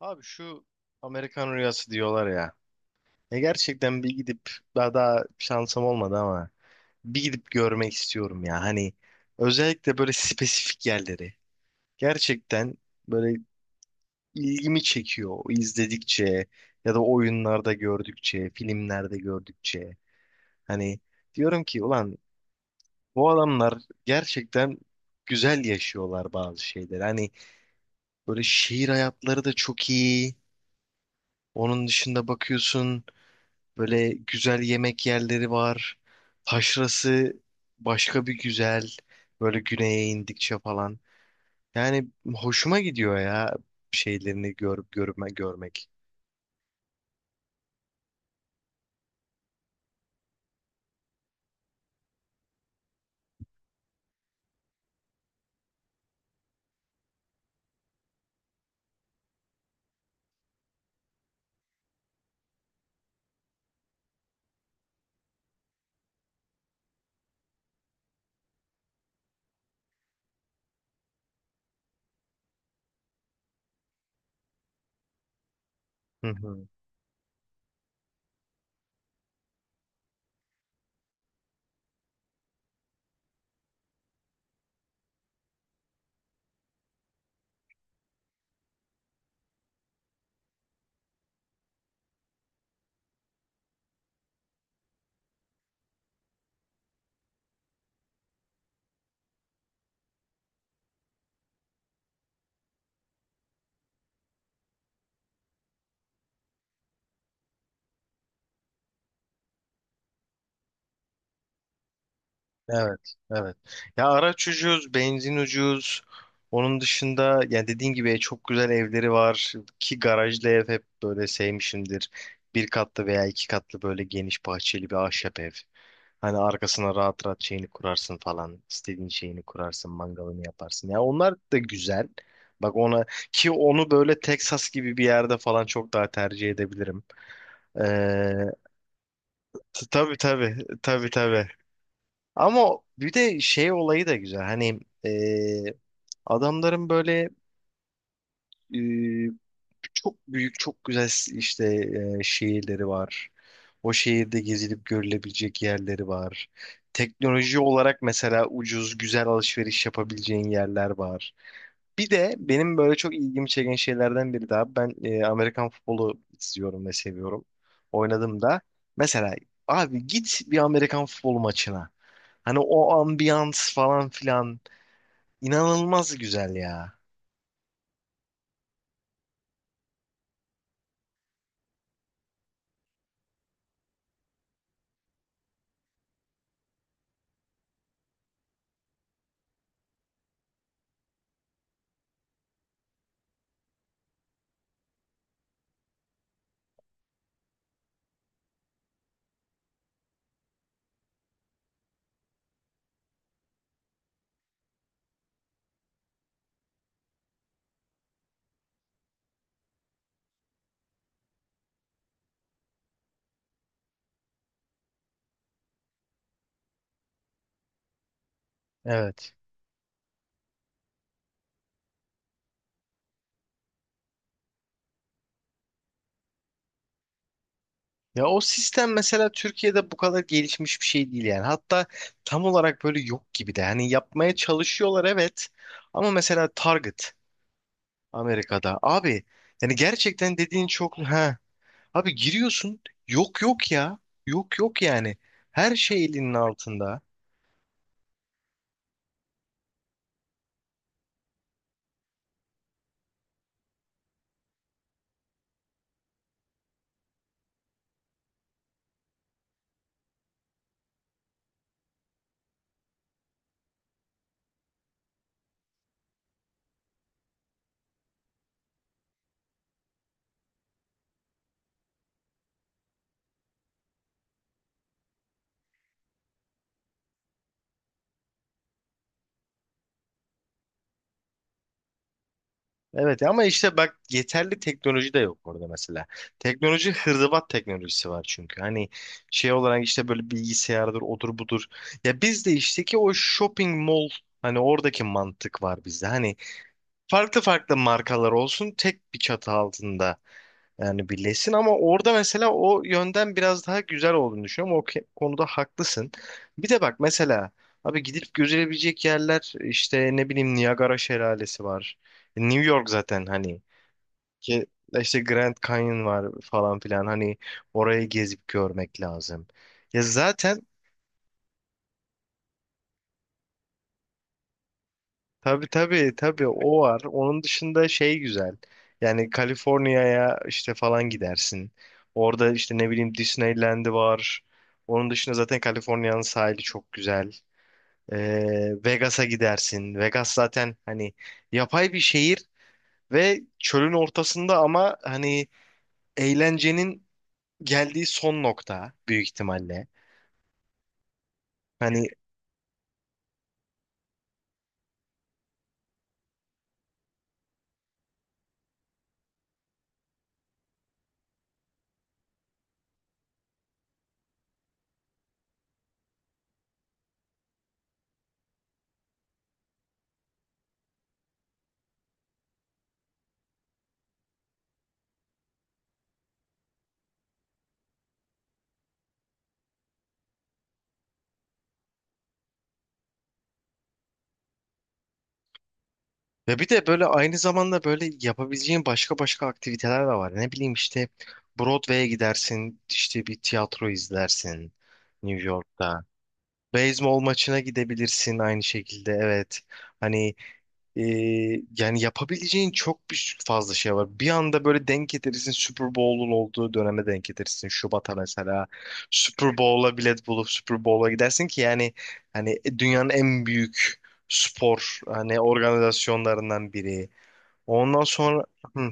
Abi şu Amerikan rüyası diyorlar ya. Gerçekten bir gidip daha şansım olmadı ama bir gidip görmek istiyorum ya. Hani özellikle böyle spesifik yerleri. Gerçekten böyle ilgimi çekiyor izledikçe ya da oyunlarda gördükçe, filmlerde gördükçe. Hani diyorum ki ulan bu adamlar gerçekten güzel yaşıyorlar bazı şeyleri. Hani böyle şehir hayatları da çok iyi. Onun dışında bakıyorsun, böyle güzel yemek yerleri var. Taşrası başka bir güzel. Böyle güneye indikçe falan. Yani hoşuma gidiyor ya şeylerini görüp görmek. Hı hı. Evet, evet. Ya araç ucuz, benzin ucuz. Onun dışında ya dediğin gibi çok güzel evleri var ki garajlı ev hep böyle sevmişimdir. Bir katlı veya iki katlı böyle geniş bahçeli bir ahşap ev. Hani arkasına rahat rahat şeyini kurarsın falan. İstediğin şeyini kurarsın, mangalını yaparsın. Ya onlar da güzel. Bak ona ki onu böyle Texas gibi bir yerde falan çok daha tercih edebilirim. Ee, tabii tabii, tabii tabii. Ama bir de şey olayı da güzel. Hani e, adamların böyle e, çok büyük, çok güzel işte şehirleri var. O şehirde gezilip görülebilecek yerleri var. Teknoloji olarak mesela ucuz, güzel alışveriş yapabileceğin yerler var. Bir de benim böyle çok ilgimi çeken şeylerden biri daha. Ben Amerikan futbolu izliyorum ve seviyorum. Oynadığımda mesela abi git bir Amerikan futbolu maçına. Hani o ambiyans falan filan inanılmaz güzel ya. Evet. Ya o sistem mesela Türkiye'de bu kadar gelişmiş bir şey değil yani. Hatta tam olarak böyle yok gibi de. Hani yapmaya çalışıyorlar, evet. Ama mesela Target Amerika'da abi, yani gerçekten dediğin çok ha. Abi giriyorsun, yok yok ya. Yok yok yani. Her şey elinin altında. Evet ama işte bak yeterli teknoloji de yok orada mesela. Teknoloji hırdavat teknolojisi var çünkü. Hani şey olarak işte böyle bilgisayardır, odur budur. Ya bizde işte ki o shopping mall, hani oradaki mantık var bizde. Hani farklı farklı markalar olsun tek bir çatı altında, yani birleşsin, ama orada mesela o yönden biraz daha güzel olduğunu düşünüyorum. Konuda haklısın. Bir de bak mesela abi gidip görülebilecek yerler işte ne bileyim Niagara Şelalesi var. New York zaten hani, ki işte Grand Canyon var falan filan, hani orayı gezip görmek lazım. Ya zaten, tabii tabii tabii o var. Onun dışında şey güzel. Yani Kaliforniya'ya işte falan gidersin. Orada işte ne bileyim Disneyland'i var. Onun dışında zaten Kaliforniya'nın sahili çok güzel. Vegas'a gidersin. Vegas zaten hani yapay bir şehir ve çölün ortasında ama hani eğlencenin geldiği son nokta büyük ihtimalle. Hani ya bir de böyle aynı zamanda böyle yapabileceğin başka başka aktiviteler de var. Ne bileyim işte Broadway'e gidersin, işte bir tiyatro izlersin New York'ta. Beyzbol maçına gidebilirsin aynı şekilde, evet. Hani e, yani yapabileceğin çok bir fazla şey var. Bir anda böyle denk getirirsin, Super Bowl'un olduğu döneme denk getirirsin. Şubat'a mesela Super Bowl'a bilet bulup Super Bowl'a gidersin ki yani hani dünyanın en büyük spor hani organizasyonlarından biri. Ondan sonra hı,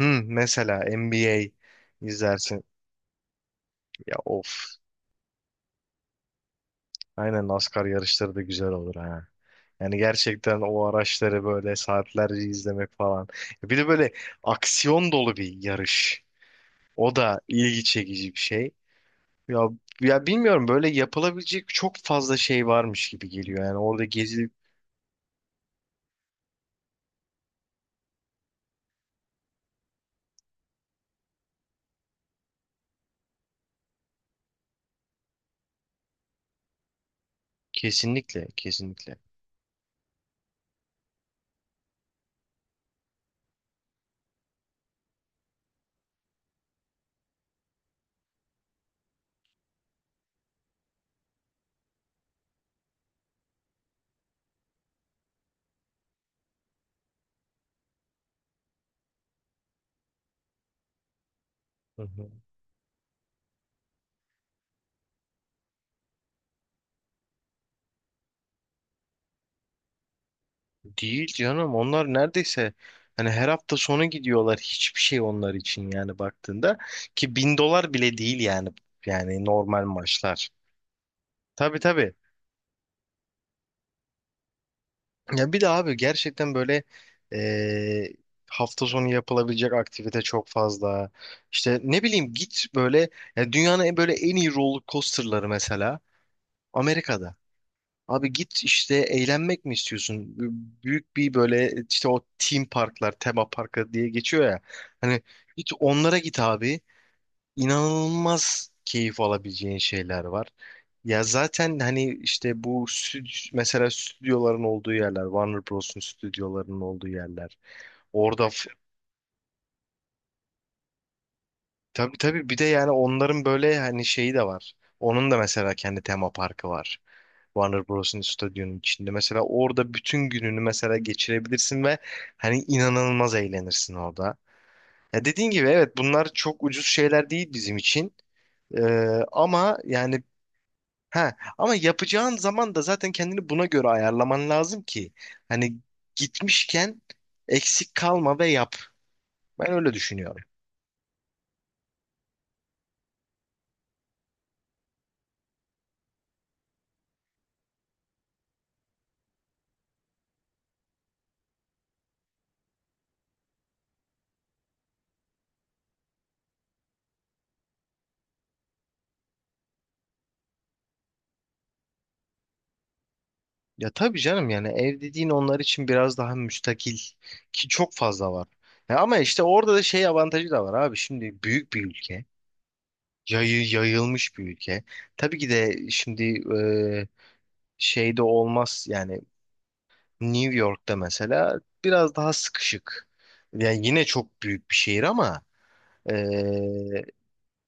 hı, mesela NBA izlersin. Ya of. Aynen NASCAR yarışları da güzel olur ha. Yani gerçekten o araçları böyle saatlerce izlemek falan. Bir de böyle aksiyon dolu bir yarış. O da ilgi çekici bir şey. Ya ya bilmiyorum böyle yapılabilecek çok fazla şey varmış gibi geliyor. Yani orada gezilip, kesinlikle kesinlikle. Hı hı. Değil canım, onlar neredeyse hani her hafta sonu gidiyorlar, hiçbir şey onlar için yani baktığında ki bin dolar bile değil yani, yani normal maçlar. Tabii tabii, ya bir de abi gerçekten böyle eee, hafta sonu yapılabilecek aktivite çok fazla, işte ne bileyim git böyle ya dünyanın böyle en iyi roller coasterları mesela Amerika'da. Abi git işte, eğlenmek mi istiyorsun? Büyük bir böyle işte o team parklar, tema parkı diye geçiyor ya. Hani git onlara, git abi. İnanılmaz keyif alabileceğin şeyler var. Ya zaten hani işte mesela stüdyoların olduğu yerler, Warner Bros'un stüdyolarının olduğu yerler. Orada f- tabii tabii, bir de yani onların böyle hani şeyi de var. Onun da mesela kendi tema parkı var. Warner Bros'un stüdyonun içinde. Mesela orada bütün gününü mesela geçirebilirsin ve hani inanılmaz eğlenirsin orada. Ya dediğin gibi, evet, bunlar çok ucuz şeyler değil bizim için. Ee, ama yani ha, ama yapacağın zaman da zaten kendini buna göre ayarlaman lazım ki hani gitmişken eksik kalma ve yap. Ben öyle düşünüyorum. Ya tabii canım, yani ev dediğin onlar için biraz daha müstakil ki çok fazla var. Ya ama işte orada da şey avantajı da var abi. Şimdi büyük bir ülke. Yayılmış bir ülke. Tabii ki de şimdi e, şeyde olmaz yani, New York'ta mesela biraz daha sıkışık. Yani yine çok büyük bir şehir ama e,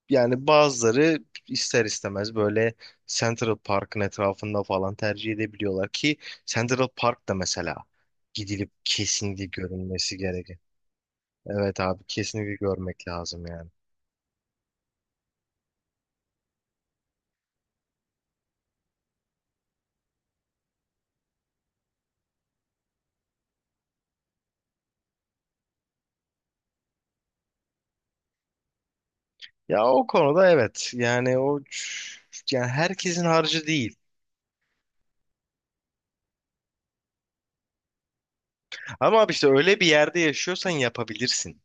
yani bazıları ister istemez böyle Central Park'ın etrafında falan tercih edebiliyorlar ki Central Park da mesela gidilip kesinlikle görünmesi gereken. Evet abi, kesinlikle görmek lazım yani. Ya o konuda evet. Yani herkesin harcı değil. Ama abi işte öyle bir yerde yaşıyorsan yapabilirsin.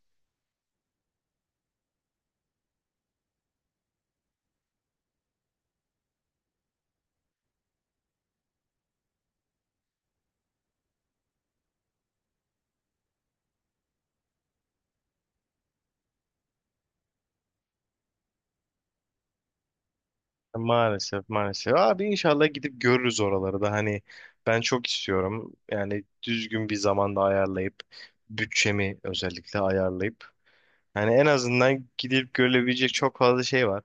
Maalesef maalesef. Abi inşallah gidip görürüz oraları da, hani ben çok istiyorum. Yani düzgün bir zamanda ayarlayıp bütçemi özellikle ayarlayıp hani en azından gidip görülebilecek çok fazla şey var.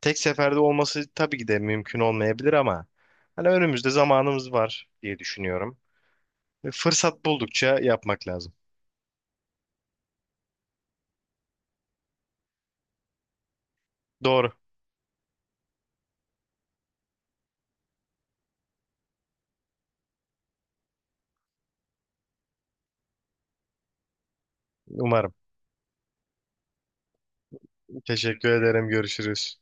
Tek seferde olması tabii ki de mümkün olmayabilir ama hani önümüzde zamanımız var diye düşünüyorum. Ve fırsat buldukça yapmak lazım. Doğru. Umarım. Teşekkür ederim. Görüşürüz.